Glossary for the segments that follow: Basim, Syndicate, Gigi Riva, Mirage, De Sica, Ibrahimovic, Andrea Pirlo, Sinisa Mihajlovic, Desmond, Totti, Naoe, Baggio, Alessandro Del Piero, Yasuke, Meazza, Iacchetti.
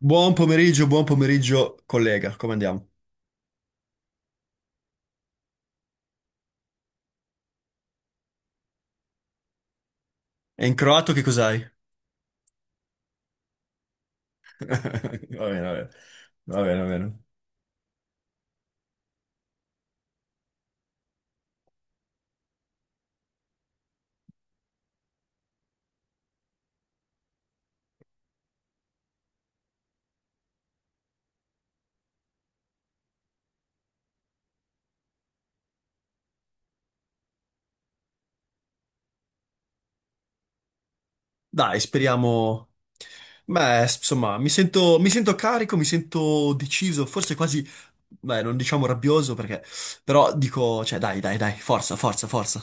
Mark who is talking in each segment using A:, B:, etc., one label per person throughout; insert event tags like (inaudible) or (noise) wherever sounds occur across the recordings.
A: Buon pomeriggio, collega, come andiamo? E in croato che cos'hai? (laughs) Va bene, va bene, va bene, va bene. Dai, speriamo... Beh, insomma, mi sento carico, mi sento deciso, forse quasi... Beh, non diciamo rabbioso perché... Però dico, cioè, dai, dai, dai, forza, forza, forza.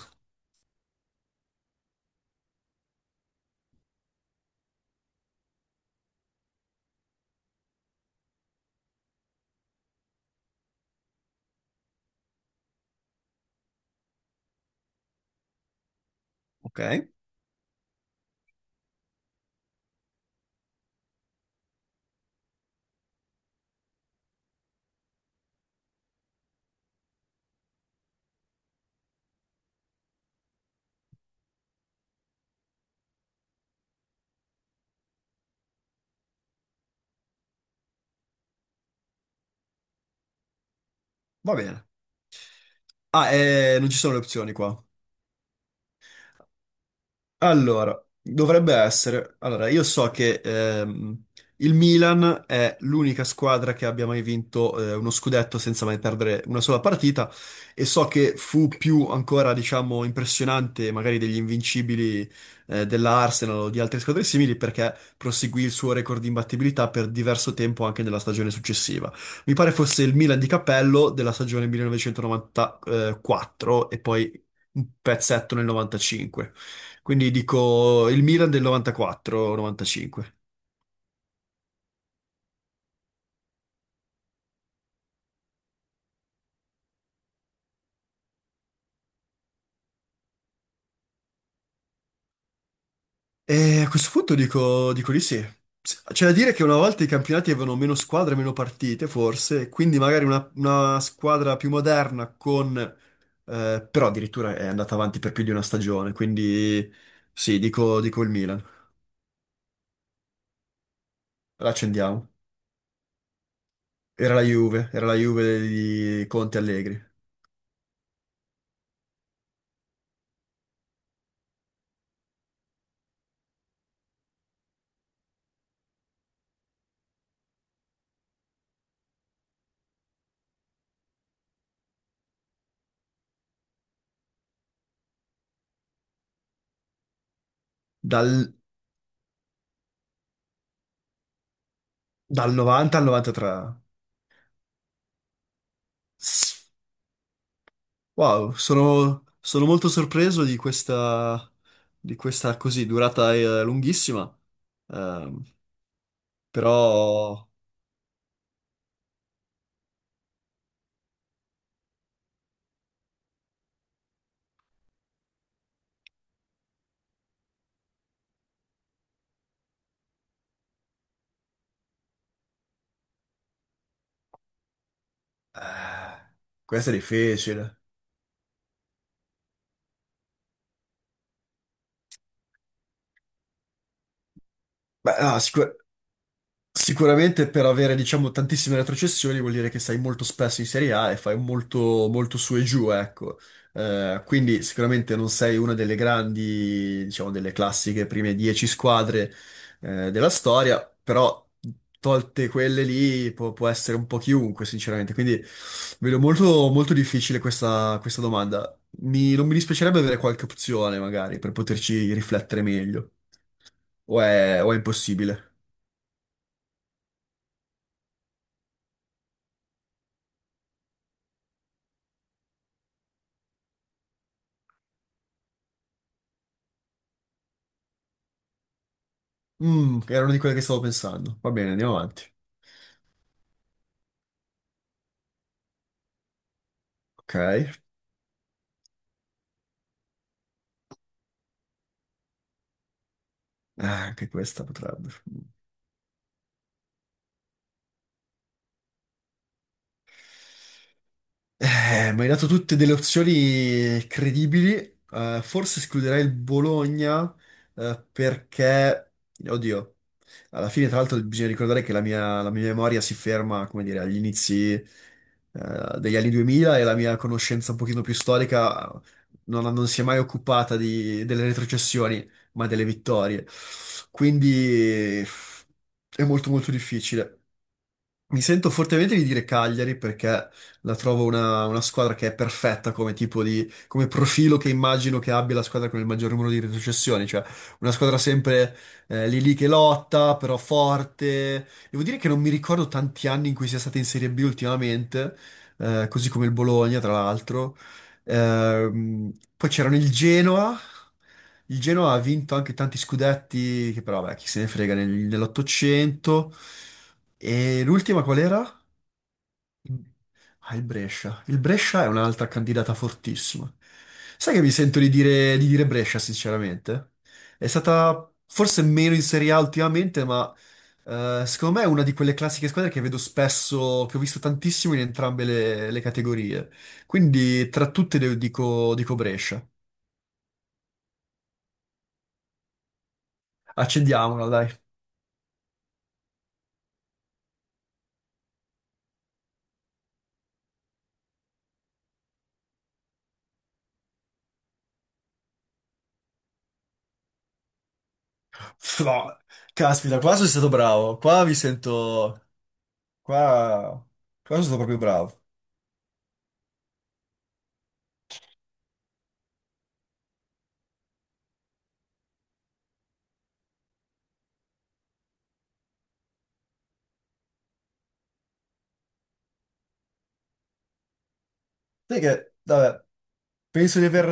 A: Ok, va bene. Ah, non ci sono le opzioni qua. Allora, dovrebbe essere. Allora, io so che il Milan è l'unica squadra che abbia mai vinto uno scudetto senza mai perdere una sola partita e so che fu più ancora, diciamo, impressionante magari degli invincibili della Arsenal o di altre squadre simili perché proseguì il suo record di imbattibilità per diverso tempo anche nella stagione successiva. Mi pare fosse il Milan di Cappello della stagione 1994 e poi un pezzetto nel 95. Quindi dico il Milan del 94-95. E a questo punto dico, dico di sì. C'è da dire che una volta i campionati avevano meno squadre, meno partite, forse, quindi magari una squadra più moderna con... però addirittura è andata avanti per più di una stagione, quindi sì, dico, dico il Milan. La accendiamo. Era la Juve di Conte Allegri. Dal, dal 90 al 93. Wow, sono, sono molto sorpreso di questa così durata lunghissima, Ehm, però eh, questa è difficile. Beh, no, sicuro. Sicuramente per avere, diciamo, tantissime retrocessioni vuol dire che sei molto spesso in Serie A e fai molto, molto su e giù, ecco. Quindi sicuramente non sei una delle grandi, diciamo, delle classiche prime 10 squadre, della storia, però tolte quelle lì può, può essere un po' chiunque, sinceramente. Quindi vedo molto, molto difficile questa, questa domanda. Non mi dispiacerebbe avere qualche opzione, magari, per poterci riflettere meglio. O è impossibile? Mm, era una di quelle che stavo pensando. Va bene, andiamo avanti. Ok. Ah, anche questa potrebbe. Mm. Mi hai dato tutte delle opzioni credibili. Forse escluderei il Bologna, perché, oddio, alla fine, tra l'altro, bisogna ricordare che la mia memoria si ferma, come dire, agli inizi, degli anni 2000 e la mia conoscenza un pochino più storica non, non si è mai occupata delle retrocessioni, ma delle vittorie. Quindi è molto molto difficile. Mi sento fortemente di dire Cagliari perché la trovo una squadra che è perfetta come tipo di, come profilo che immagino che abbia la squadra con il maggior numero di retrocessioni, cioè una squadra sempre lì lì che lotta, però forte. Devo dire che non mi ricordo tanti anni in cui sia stata in Serie B ultimamente, così come il Bologna, tra l'altro. Ehm, poi c'erano il Genoa. Il Genoa ha vinto anche tanti scudetti, che però, beh, chi se ne frega, nell'Ottocento. E l'ultima qual era? Ah, il Brescia. Il Brescia è un'altra candidata fortissima. Sai che mi sento di dire Brescia, sinceramente? È stata forse meno in Serie A ultimamente, ma secondo me è una di quelle classiche squadre che vedo spesso, che ho visto tantissimo in entrambe le categorie. Quindi tra tutte dico, dico Brescia. Accendiamola, dai. No, caspita, qua sono stato bravo. Qua mi sento... Qua, qua sono stato proprio bravo. Sai che, vabbè, penso di aver...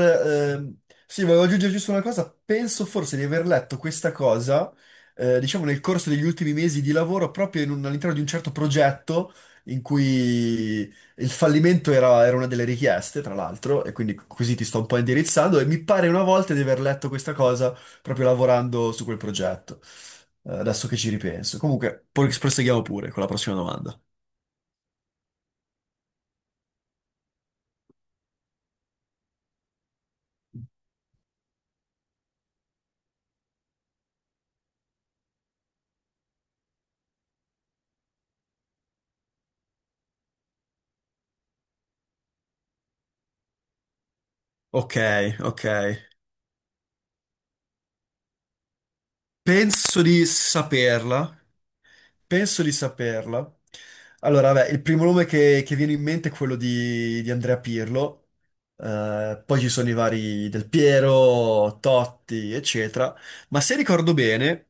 A: ehm, sì, volevo aggiungere giusto una cosa. Penso forse di aver letto questa cosa, diciamo, nel corso degli ultimi mesi di lavoro, proprio in all'interno di un certo progetto in cui il fallimento era, era una delle richieste, tra l'altro, e quindi così ti sto un po' indirizzando, e mi pare una volta di aver letto questa cosa proprio lavorando su quel progetto. Adesso che ci ripenso. Comunque, poi proseguiamo pure con la prossima domanda. Ok, ok. Penso di saperla, penso di saperla. Allora, vabbè, il primo nome che viene in mente è quello di Andrea Pirlo, poi ci sono i vari Del Piero, Totti, eccetera, ma se ricordo bene,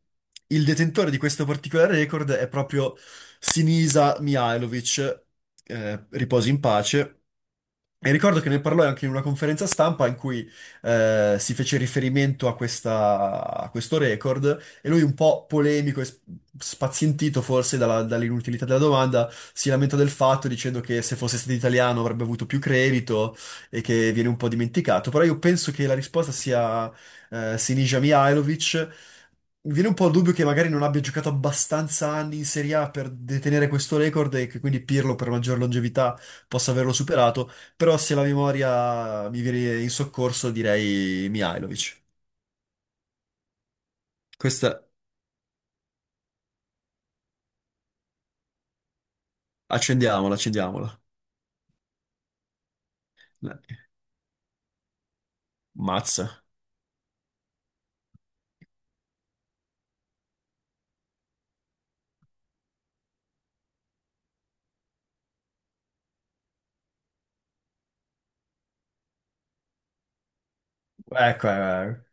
A: il detentore di questo particolare record è proprio Sinisa Mihajlovic, riposi in pace. E ricordo che ne parlò anche in una conferenza stampa in cui si fece riferimento a, a questo record e lui un po' polemico e spazientito forse dall'inutilità della domanda, si lamenta del fatto dicendo che se fosse stato italiano avrebbe avuto più credito e che viene un po' dimenticato. Però io penso che la risposta sia Sinisa Mihajlovic. Mi viene un po' il dubbio che magari non abbia giocato abbastanza anni in Serie A per detenere questo record e che quindi Pirlo per maggior longevità possa averlo superato, però se la memoria mi viene in soccorso direi Mihajlovic. Questa accendiamola, accendiamola. Mazza. Ecco,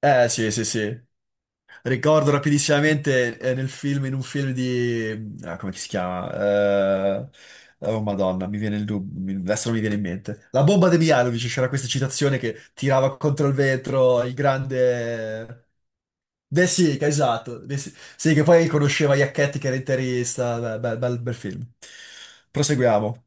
A: eh. Sì, sì, sì. Ricordo rapidissimamente nel film, in un film di... ah, come si chiama? Eh, Oh, Madonna, mi viene il dubbio, adesso non mi viene in mente. La bomba di Mialovic, c'era questa citazione che tirava contro il vetro il grande... De Sica, esatto. Sì, che poi conosceva Iacchetti che era interista. Beh, bel bel film. Proseguiamo.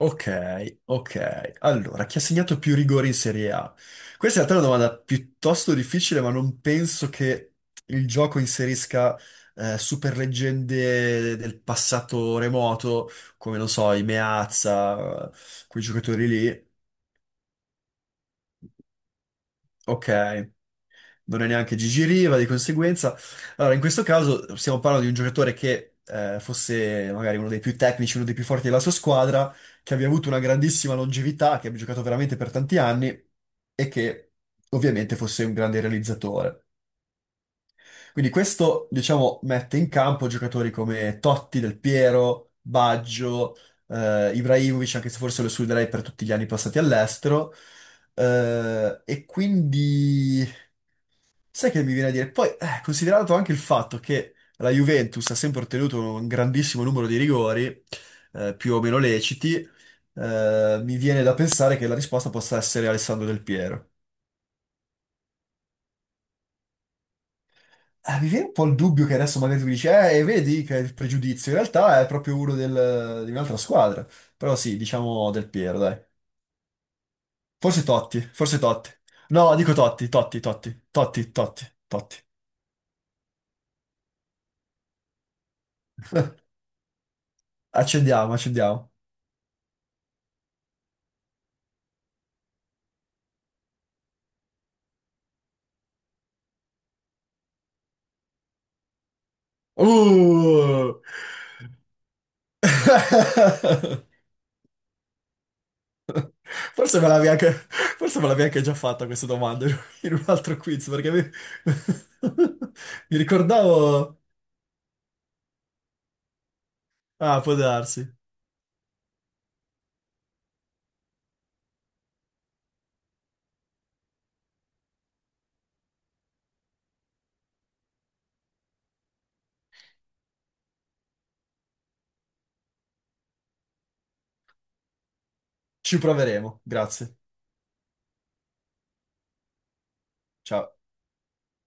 A: Ok, ok. Allora, chi ha segnato più rigori in Serie A? Questa in realtà è una domanda piuttosto difficile, ma non penso che il gioco inserisca super leggende del passato remoto, come non so, i Meazza, quei giocatori lì. Ok. Non è neanche Gigi Riva, di conseguenza. Allora, in questo caso stiamo parlando di un giocatore che fosse magari uno dei più tecnici, uno dei più forti della sua squadra, che abbia avuto una grandissima longevità, che abbia giocato veramente per tanti anni e che ovviamente fosse un grande realizzatore. Quindi questo, diciamo, mette in campo giocatori come Totti, Del Piero, Baggio, Ibrahimovic, anche se forse lo escluderei per tutti gli anni passati all'estero. E quindi sai che mi viene a dire? Poi, considerato anche il fatto che la Juventus ha sempre ottenuto un grandissimo numero di rigori, più o meno leciti, mi viene da pensare che la risposta possa essere Alessandro Del Piero. Mi viene un po' il dubbio che adesso magari tu dici, e vedi che è il pregiudizio. In realtà è proprio uno di un'altra squadra. Però sì, diciamo Del Piero, dai. Forse Totti, forse Totti. No, dico Totti, Totti, Totti, Totti, Totti, Totti. Accendiamo, accendiamo. Uh! (laughs) Forse me l'avevi anche, forse me l'avevi anche già fatta questa domanda in un altro quiz, perché mi, (laughs) mi ricordavo... Ah, può darsi. Ci proveremo, grazie. Ciao.